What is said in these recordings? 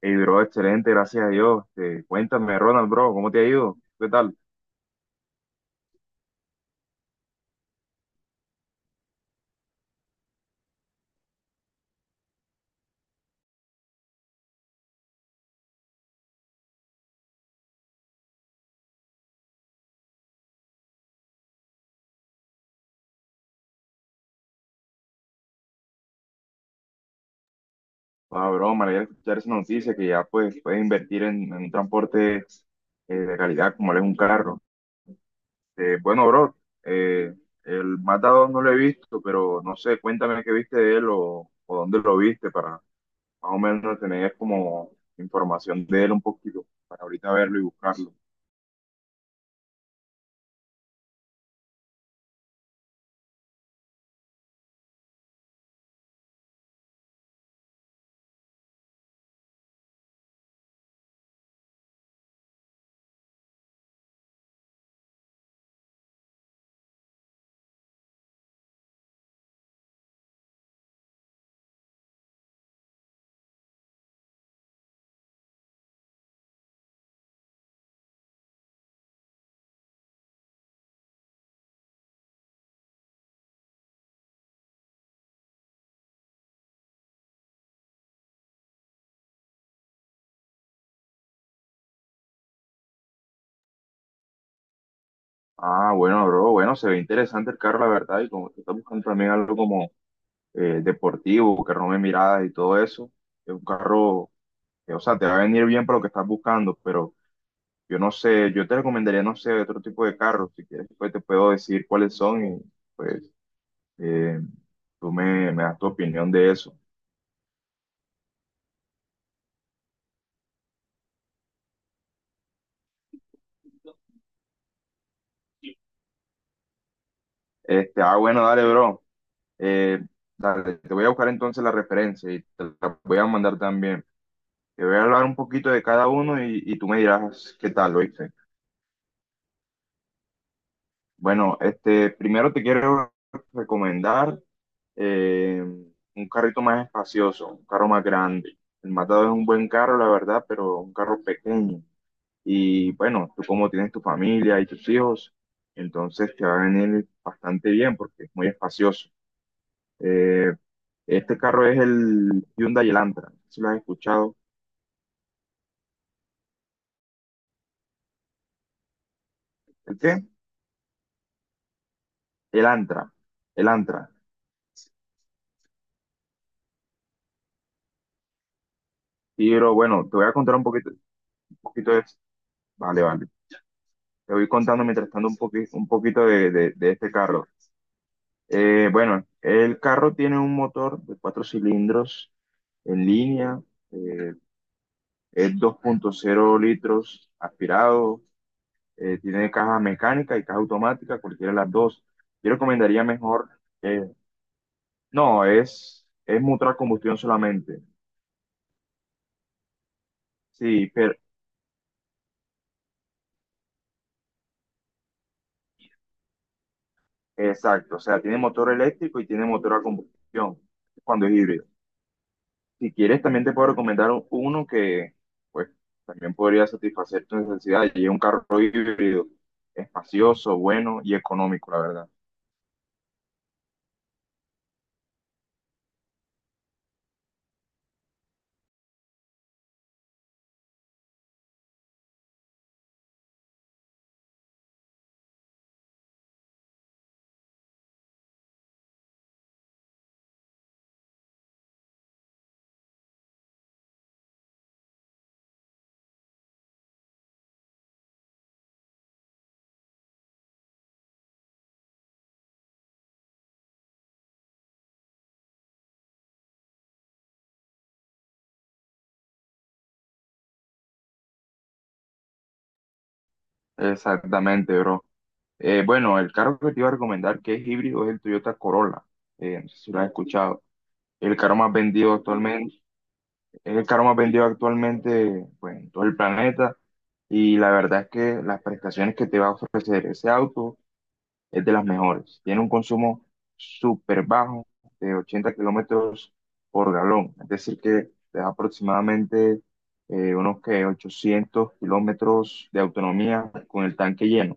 Hey, bro, excelente, gracias a Dios. Cuéntame, Ronald, bro, ¿cómo te ha ido? ¿Qué tal? Ah, bro, me alegra escuchar esa noticia que ya pues puedes invertir en un transporte de calidad como lo es un carro. Bueno, bro, eh, el Mazda 2 no lo he visto, pero no sé, cuéntame qué viste de él o dónde lo viste para más o menos tener como información de él un poquito, para ahorita verlo y buscarlo. Ah, bueno, bro, bueno, se ve interesante el carro, la verdad, y como que está buscando también algo como deportivo, que rompe miradas y todo eso. Es un carro que, o sea, te va a venir bien para lo que estás buscando, pero yo no sé, yo te recomendaría, no sé, otro tipo de carros. Si quieres, pues te puedo decir cuáles son y pues eh, tú me das tu opinión de eso. Bueno, dale, bro. Eh, dale, te voy a buscar entonces la referencia y te la voy a mandar también. Te voy a hablar un poquito de cada uno y tú me dirás qué tal, ¿oíste? Bueno, primero te quiero recomendar eh, un carrito más espacioso, un carro más grande. El Matado es un buen carro, la verdad, pero un carro pequeño. Y bueno, tú como tienes tu familia y tus hijos, entonces te va a venir bastante bien porque es muy espacioso. Eh, este carro es el Hyundai Elantra, si lo has escuchado. ¿El qué? El Elantra, el Antra. Y pero bueno, te voy a contar un poquito de... Vale, vale. Te voy contando mientras tanto un poquito de este carro. Bueno, el carro tiene un motor de cuatro cilindros en línea, eh, es dos punto cero litros aspirado, tiene caja mecánica y caja automática, cualquiera de las dos. Yo recomendaría mejor, eh, no, es motor a combustión solamente. Sí, pero exacto, o sea, tiene motor eléctrico y tiene motor a combustión cuando es híbrido. Si quieres, también te puedo recomendar uno que, pues, también podría satisfacer tu necesidad. Y es un carro híbrido, espacioso, bueno y económico, la verdad. Exactamente, bro. Bueno, el carro que te iba a recomendar que es híbrido es el Toyota Corolla. No sé si lo has escuchado. El carro más vendido actualmente, es el carro más vendido actualmente, pues, en todo el planeta. Y la verdad es que las prestaciones que te va a ofrecer ese auto es de las mejores. Tiene un consumo súper bajo de 80 kilómetros por galón, es decir, que te da aproximadamente unos que 800 kilómetros de autonomía con el tanque lleno.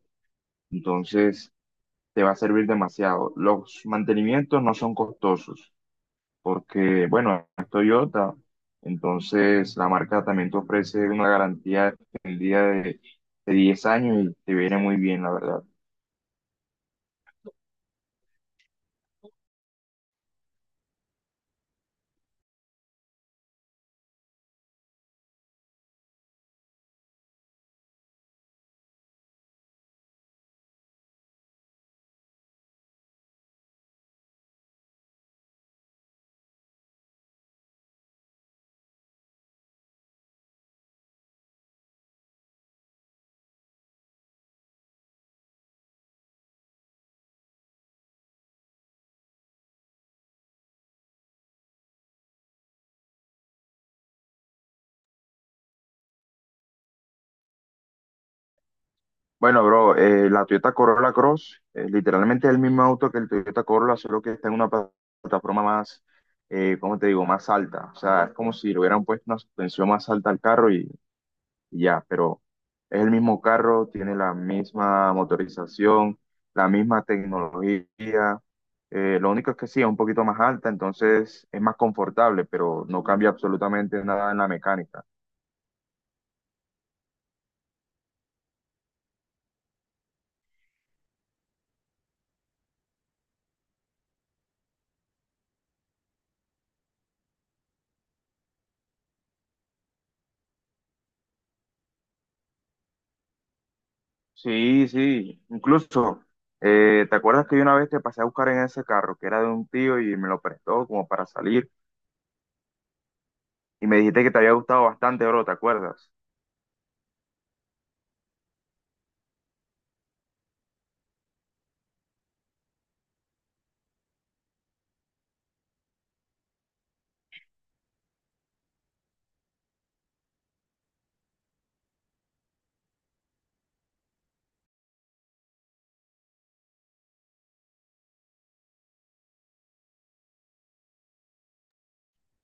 Entonces, te va a servir demasiado. Los mantenimientos no son costosos porque, bueno, es Toyota, entonces la marca también te ofrece una garantía extendida de 10 años y te viene muy bien, la verdad. Bueno, bro, la Toyota Corolla Cross, literalmente es el mismo auto que el Toyota Corolla, solo que está en una plataforma más, ¿cómo te digo?, más alta. O sea, es como si le hubieran puesto una suspensión más alta al carro y ya, pero es el mismo carro, tiene la misma motorización, la misma tecnología. Lo único es que sí, es un poquito más alta, entonces es más confortable, pero no cambia absolutamente nada en la mecánica. Sí, sí, incluso, ¿te acuerdas que yo una vez te pasé a buscar en ese carro que era de un tío y me lo prestó como para salir? Y me dijiste que te había gustado bastante, bro, ¿te acuerdas?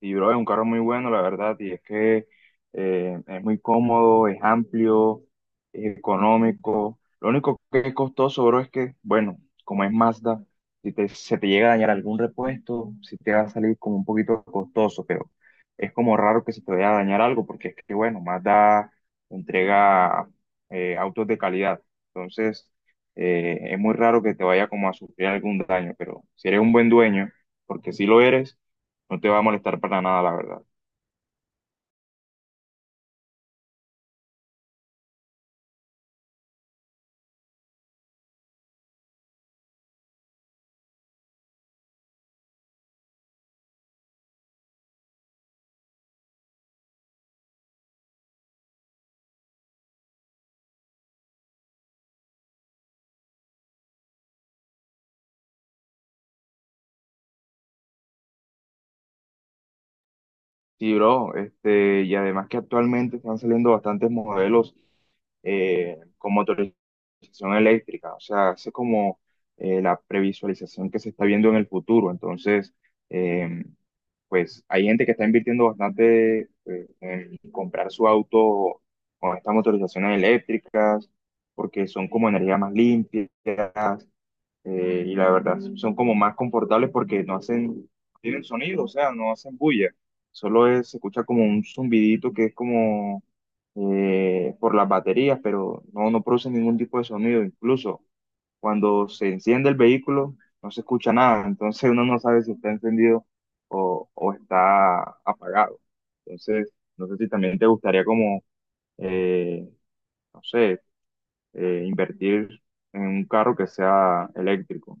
Y bro, es un carro muy bueno, la verdad, y es que es muy cómodo, es amplio, es económico. Lo único que es costoso, bro, es que, bueno, como es Mazda, si te, se te llega a dañar algún repuesto, si te va a salir como un poquito costoso, pero es como raro que se te vaya a dañar algo, porque es que, bueno, Mazda entrega autos de calidad. Entonces, es muy raro que te vaya como a sufrir algún daño, pero si eres un buen dueño, porque si lo eres, no te va a molestar para nada, la verdad. Sí, bro, este, y además que actualmente están saliendo bastantes modelos con motorización eléctrica, o sea, hace como la previsualización que se está viendo en el futuro. Entonces, eh, pues hay gente que está invirtiendo bastante en comprar su auto con estas motorizaciones eléctricas, porque son como energía más limpia, y la verdad son como más confortables porque no hacen, no tienen sonido, o sea, no hacen bulla, solo se escucha como un zumbidito que es como por las baterías, pero no, no produce ningún tipo de sonido, incluso cuando se enciende el vehículo no se escucha nada, entonces uno no sabe si está encendido o está apagado. Entonces, no sé si también te gustaría como, eh, no sé, invertir en un carro que sea eléctrico.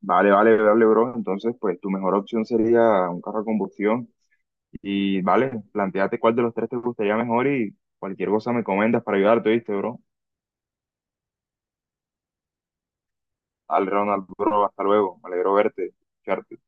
Vale, vale, vale, bro. Entonces, pues tu mejor opción sería un carro a combustión. Y vale, planteate cuál de los tres te gustaría mejor y cualquier cosa me comentas para ayudarte, ¿viste, bro? Al Ronald, bro, hasta luego. Me alegro verte, escucharte.